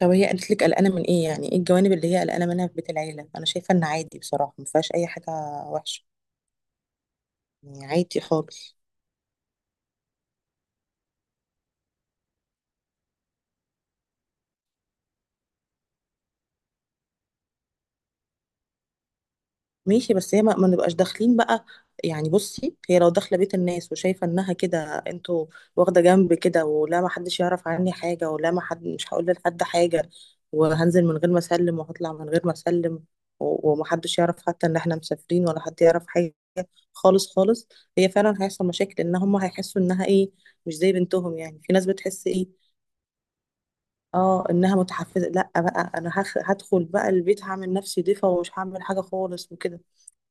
طب هي قالت لك قلقانه من ايه؟ يعني ايه الجوانب اللي هي قلقانه منها في بيت العيله؟ انا شايفه ان عادي، بصراحه ما فيهاش اي حاجه وحشه، يعني عادي خالص. ماشي، بس هي ما نبقاش داخلين بقى. يعني بصي، هي لو داخله بيت الناس وشايفه انها كده انتوا واخده جنب كده، ولا ما حدش يعرف عني حاجه، ولا ما حد، مش هقول لحد حاجه، وهنزل من غير ما اسلم، وهطلع من غير ما اسلم، ومحدش يعرف حتى ان احنا مسافرين ولا حد يعرف حاجه خالص خالص. هي فعلا هيحصل مشاكل ان هم هيحسوا انها ايه، مش زي بنتهم. يعني في ناس بتحس ايه، اه، انها متحفزه. لا بقى، انا هدخل بقى البيت، هعمل نفسي ضيفه ومش هعمل حاجه خالص وكده.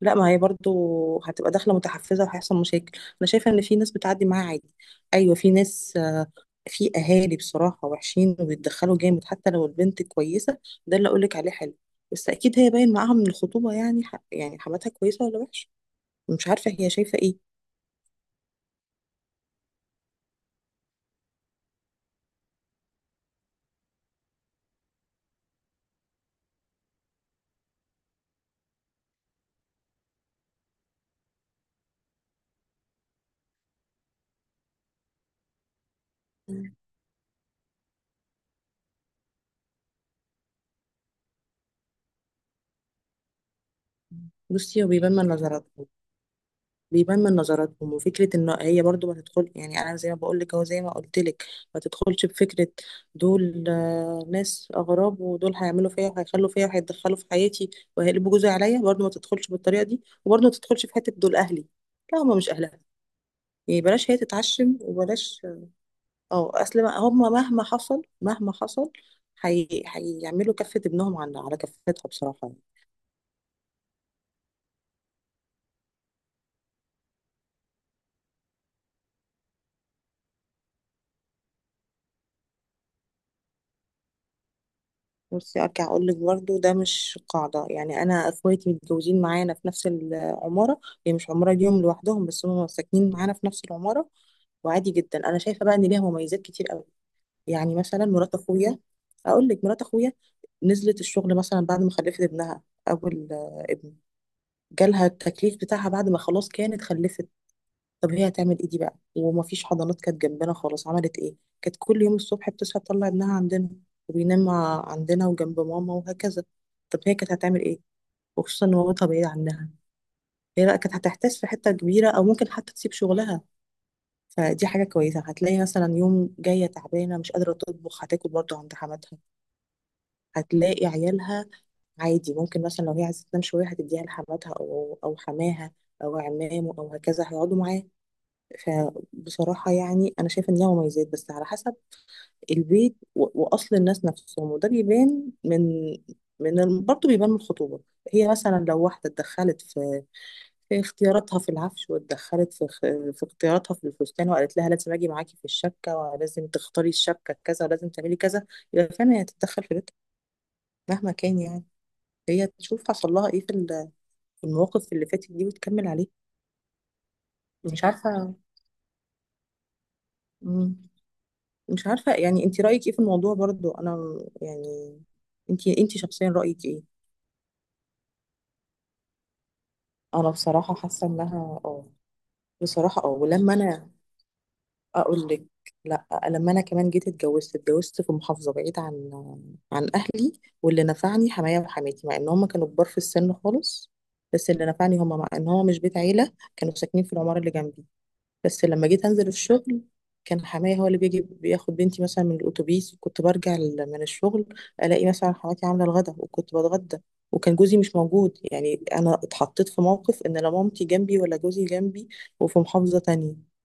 لا، ما هي برضو هتبقى داخله متحفزه وهيحصل مشاكل. انا شايفه ان في ناس بتعدي معاها عادي. ايوه، في ناس، في اهالي بصراحه وحشين وبيتدخلوا جامد حتى لو البنت كويسه. ده اللي اقولك عليه حلو. بس اكيد هي باين معاها من الخطوبه، يعني يعني حماتها كويسه ولا وحشه. مش عارفه هي شايفه ايه. مم. بصي، هو بيبان من نظراتها، بيبان من نظراتهم. وفكره ان هي برضو ما تدخل، يعني انا زي ما بقول لك او زي ما قلت لك، ما تدخلش بفكره دول ناس اغراب، ودول هيعملوا فيا وهيخلوا فيا وهيتدخلوا في حياتي وهيقلبوا جوزي عليا. برضو ما تدخلش بالطريقه دي، وبرضو ما تدخلش في حته دول اهلي. لا، هم مش اهلها. يعني بلاش هي تتعشم، وبلاش. اه، اصل هم، مهما حصل مهما حصل، هيعملوا كفه ابنهم على كفتها بصراحه. بصي، ارجع اقول لك برضه، ده مش قاعده. يعني انا اخواتي متجوزين معانا في نفس العماره، هي مش عماره ليهم لوحدهم، بس هم ساكنين معانا في نفس العماره. وعادي جدا. انا شايفه بقى ان ليها مميزات كتير قوي. يعني مثلا مرات اخويا، اقول لك مرات اخويا نزلت الشغل مثلا بعد ما خلفت ابنها، اول ابن، جالها التكليف بتاعها بعد ما خلاص كانت خلفت. طب هي هتعمل ايه دي بقى؟ ومفيش حضانات كانت جنبنا خالص. عملت ايه؟ كانت كل يوم الصبح بتصحى تطلع ابنها عندنا، وبينام عندنا وجنب ماما وهكذا. طب هي كانت هتعمل ايه؟ وخصوصا ان مامتها بعيدة عنها، هي بقى كانت هتحتاس في حتة كبيرة، او ممكن حتى تسيب شغلها. فدي حاجة كويسة. هتلاقي مثلا يوم جاية تعبانة مش قادرة تطبخ، هتاكل برضه عند حماتها. هتلاقي عيالها عادي. ممكن مثلا لو هي عايزة تنام شوية هتديها لحماتها او حماها او عمامه او هكذا، هيقعدوا معاه. فبصراحة، يعني أنا شايفة إن ليها مميزات، بس على حسب البيت وأصل الناس نفسهم. وده بيبان من برضه بيبان من الخطوبة. هي مثلا لو واحدة اتدخلت في اختياراتها في العفش، واتدخلت في في اختياراتها في الفستان، وقالت لها لازم أجي معاكي في الشبكة، ولازم تختاري الشبكة كذا، ولازم تعملي كذا، يبقى فعلا هي تتدخل في بيتها، مهما كان يعني. هي تشوف حصل لها إيه في في المواقف اللي فاتت دي، وتكمل عليه. مش عارفة. مم. مش عارفة. يعني انت رأيك ايه في الموضوع؟ برضو انا يعني انت، انت شخصيا رأيك ايه؟ انا بصراحة حاسة انها اه، بصراحة اه، ولما انا اقول لك، لا، لما انا كمان جيت اتجوزت، اتجوزت في محافظة بعيد عن عن اهلي. واللي نفعني حمايا وحماتي، مع ان هم كانوا كبار في السن خالص. بس اللي نفعني هم، مع ان هو مش بيت عيلة كانوا ساكنين في العمارة اللي جنبي. بس لما جيت انزل الشغل، كان حماية هو اللي بيجي بياخد بنتي مثلا من الاتوبيس، كنت برجع من الشغل الاقي مثلا حماتي عامله الغدا وكنت بتغدى، وكان جوزي مش موجود. يعني انا اتحطيت في موقف ان لا مامتي جنبي ولا جوزي جنبي، وفي محافظة تانية.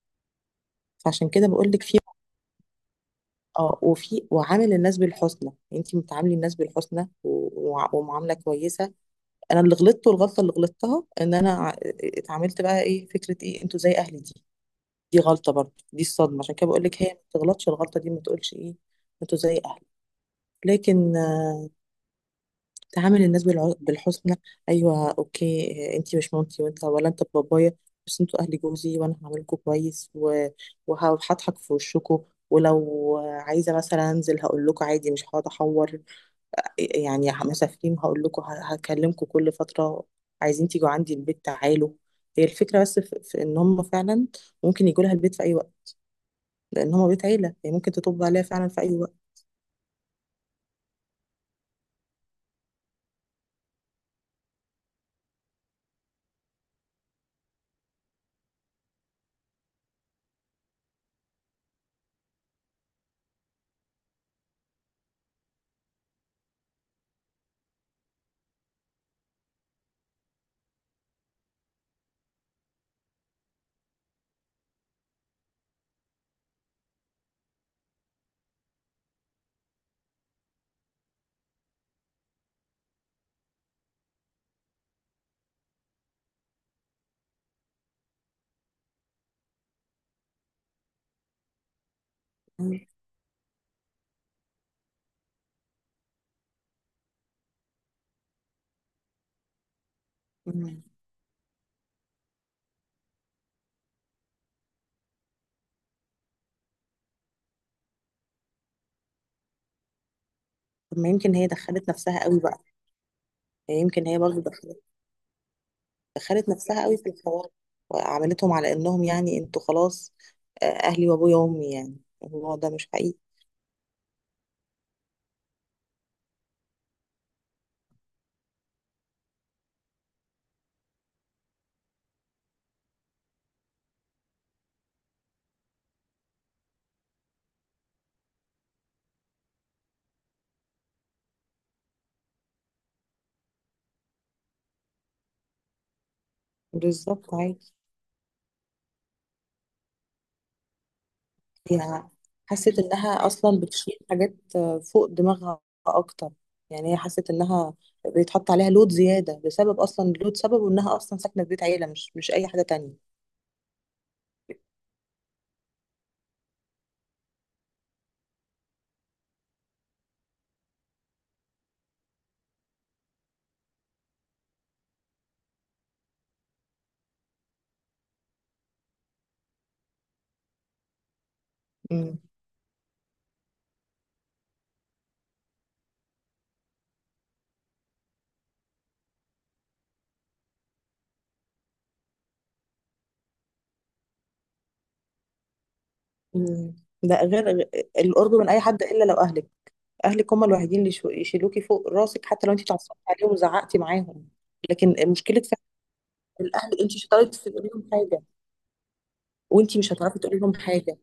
فعشان كده بقول لك، في، اه، وفي، وعامل الناس بالحسنى. انت بتعاملي الناس بالحسنى ومعاملة كويسة. انا اللي غلطت، والغلطة اللي غلطتها ان انا اتعاملت بقى ايه، فكرة ايه انتوا زي اهلي دي. دي غلطة برضه، دي الصدمة. عشان كده بقول لك هي ما تغلطش الغلطة دي، ما تقولش ايه انتوا زي اهلك. لكن تعامل الناس بالحسنى. ايوه، اوكي، انتي مش مامتي، وانت ولا انت بابايا، بس انتوا اهل جوزي وانا هعاملكوا كويس، وهضحك في وشكوا. ولو عايزة مثلا انزل هقول لكم عادي، مش هقعد احور. يعني مسافرين هقول لكم، هكلمكم كل فترة. عايزين تيجوا عندي البيت، تعالوا. هي الفكرة بس في ان هم فعلا ممكن يجوا لها البيت في اي وقت، لان هما بيت عيله. هي ممكن تطب عليها فعلا في اي وقت. مم. طب ما يمكن هي دخلت نفسها قوي بقى. هي يمكن، هي برضه دخلت، دخلت نفسها قوي في الحوار، وعملتهم على انهم، يعني انتوا خلاص اهلي وابويا وامي. يعني الموضوع ده مش حقيقي. بالظبط، عادي. هي حست انها اصلا بتشيل حاجات فوق دماغها اكتر. يعني هي حست انها بيتحط عليها لود زياده، بسبب اصلا لود سببه انها اصلا ساكنه في بيت عيله، مش اي حاجه تانية. مم. ده غير القرب من اي حد الا لو اهلك. اهلك هم الوحيدين اللي يشيلوكي فوق راسك حتى لو انت اتعصبتي عليهم وزعقتي معاهم. لكن مشكله فعلا، الاهل. انت مش هتعرفي تقولي لهم حاجه، وانت مش هتعرفي تقولي لهم حاجه،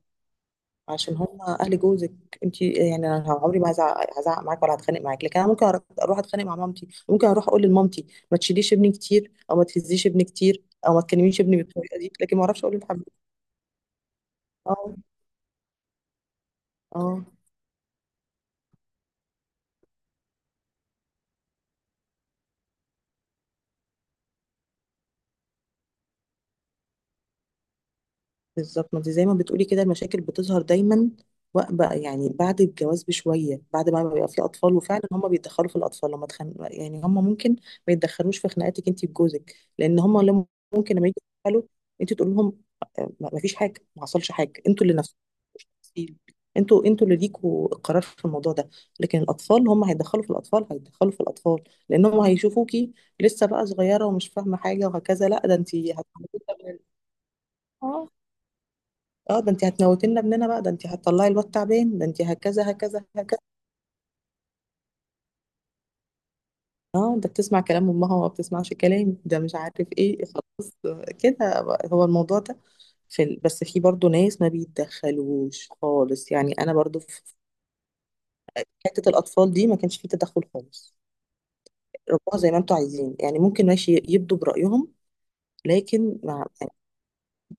عشان هم اهل جوزك. انت، يعني انا عمري ما هزعق معاك ولا هتخانق معاك، لكن انا ممكن اروح اتخانق مع مامتي، ممكن اروح اقول لمامتي ما تشيليش ابني كتير، او ما تهزيش ابني كتير، او ما تكلميش ابني بالطريقه دي. لكن ما اعرفش اقول لحد. اه. اه، بالظبط. ما انت زي ما بتقولي كده، المشاكل بتظهر دايما، بقى يعني بعد الجواز بشويه، بعد ما بيبقى في اطفال، وفعلا هم بيتدخلوا في الاطفال. لما يعني هم ممكن ما يتدخلوش في خناقاتك انت وجوزك، لان هم لما، ممكن لما يجوا يتدخلوا، انت تقول لهم ما فيش حاجه، ما حصلش حاجه، انتوا اللي نفسكم، انتوا اللي ليكوا القرار في الموضوع ده. لكن الاطفال، هم هيتدخلوا في الاطفال، هيتدخلوا في الاطفال، لان هم هيشوفوكي لسه بقى صغيره ومش فاهمه حاجه وهكذا. لا، ده انت هتموتي، اه، ده انت هتموتينا ابننا بقى، ده انت هتطلعي الواد تعبان، ده انت هكذا هكذا هكذا. اه، ده بتسمع كلام امها وما بتسمعش كلامي، ده مش عارف ايه، خلاص كده بقى. هو الموضوع ده بس في برضو ناس ما بيتدخلوش خالص. يعني انا برضو في حتة الاطفال دي ما كانش في تدخل خالص. ربوها زي ما انتوا عايزين، يعني ممكن ماشي يبدوا برأيهم، لكن ما،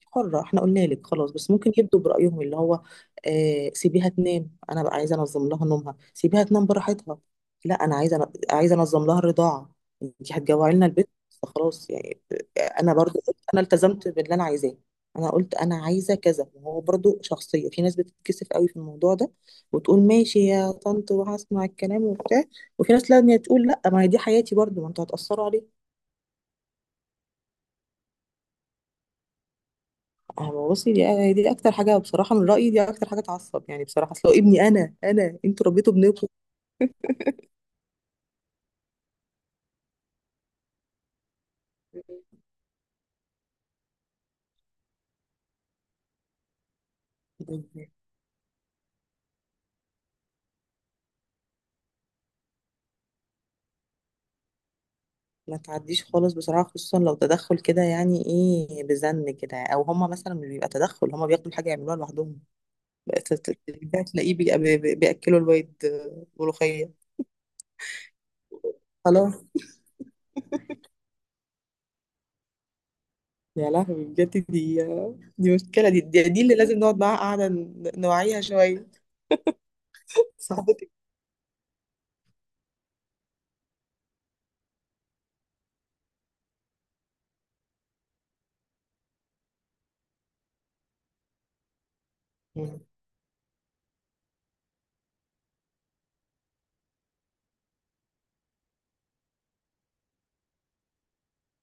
حرة، احنا قلنا لك خلاص. بس ممكن يبدوا برأيهم، اللي هو سيبيها تنام، انا بقى عايزة انظم لها نومها، سيبيها تنام براحتها. لا، انا عايزة، انظم لها الرضاعة. انت هتجوعي لنا البيت. خلاص يعني. انا برضو قلت، انا التزمت باللي انا عايزاه. انا قلت انا عايزة كذا، وهو برضو شخصية. في ناس بتتكسف قوي في الموضوع ده وتقول ماشي يا طنط، وهسمع الكلام وبتاع. وفي ناس لا، إن هي تقول لا، ما هي دي حياتي، برضو ما انتوا هتأثروا عليا. أه، بصي، دي اكتر حاجه بصراحه من رايي، دي اكتر حاجه تعصب يعني بصراحه. اصل هو ابني انا، انتوا ربيتوا ابنكم. ما تعديش خالص بصراحه، خصوصا لو تدخل كده يعني ايه، بزن كده. او هما مثلا مش بيبقى تدخل، هما بياخدوا الحاجه يعملوها لوحدهم. بقت- بقى تلاقيه بياكلوا الواد ملوخيه. خلاص! يا لهوي، بجد دي دي مشكله. دي دي اللي لازم نقعد معاها قاعده نوعيها شويه. صاحبتك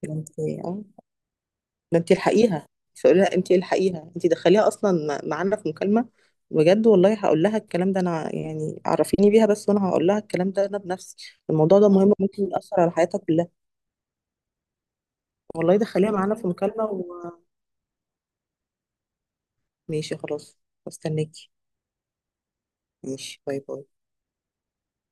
انت! ده انت الحقيها، تقول لها انت الحقيها. انت دخليها اصلا معانا في مكالمه. بجد والله، هقول لها الكلام ده انا. يعني عرفيني بيها بس، وانا هقول لها الكلام ده انا بنفسي. الموضوع ده مهم، ممكن يأثر على حياتها كلها. والله دخليها معانا في مكالمه، وماشي خلاص. استناكي. ماشي، باي باي.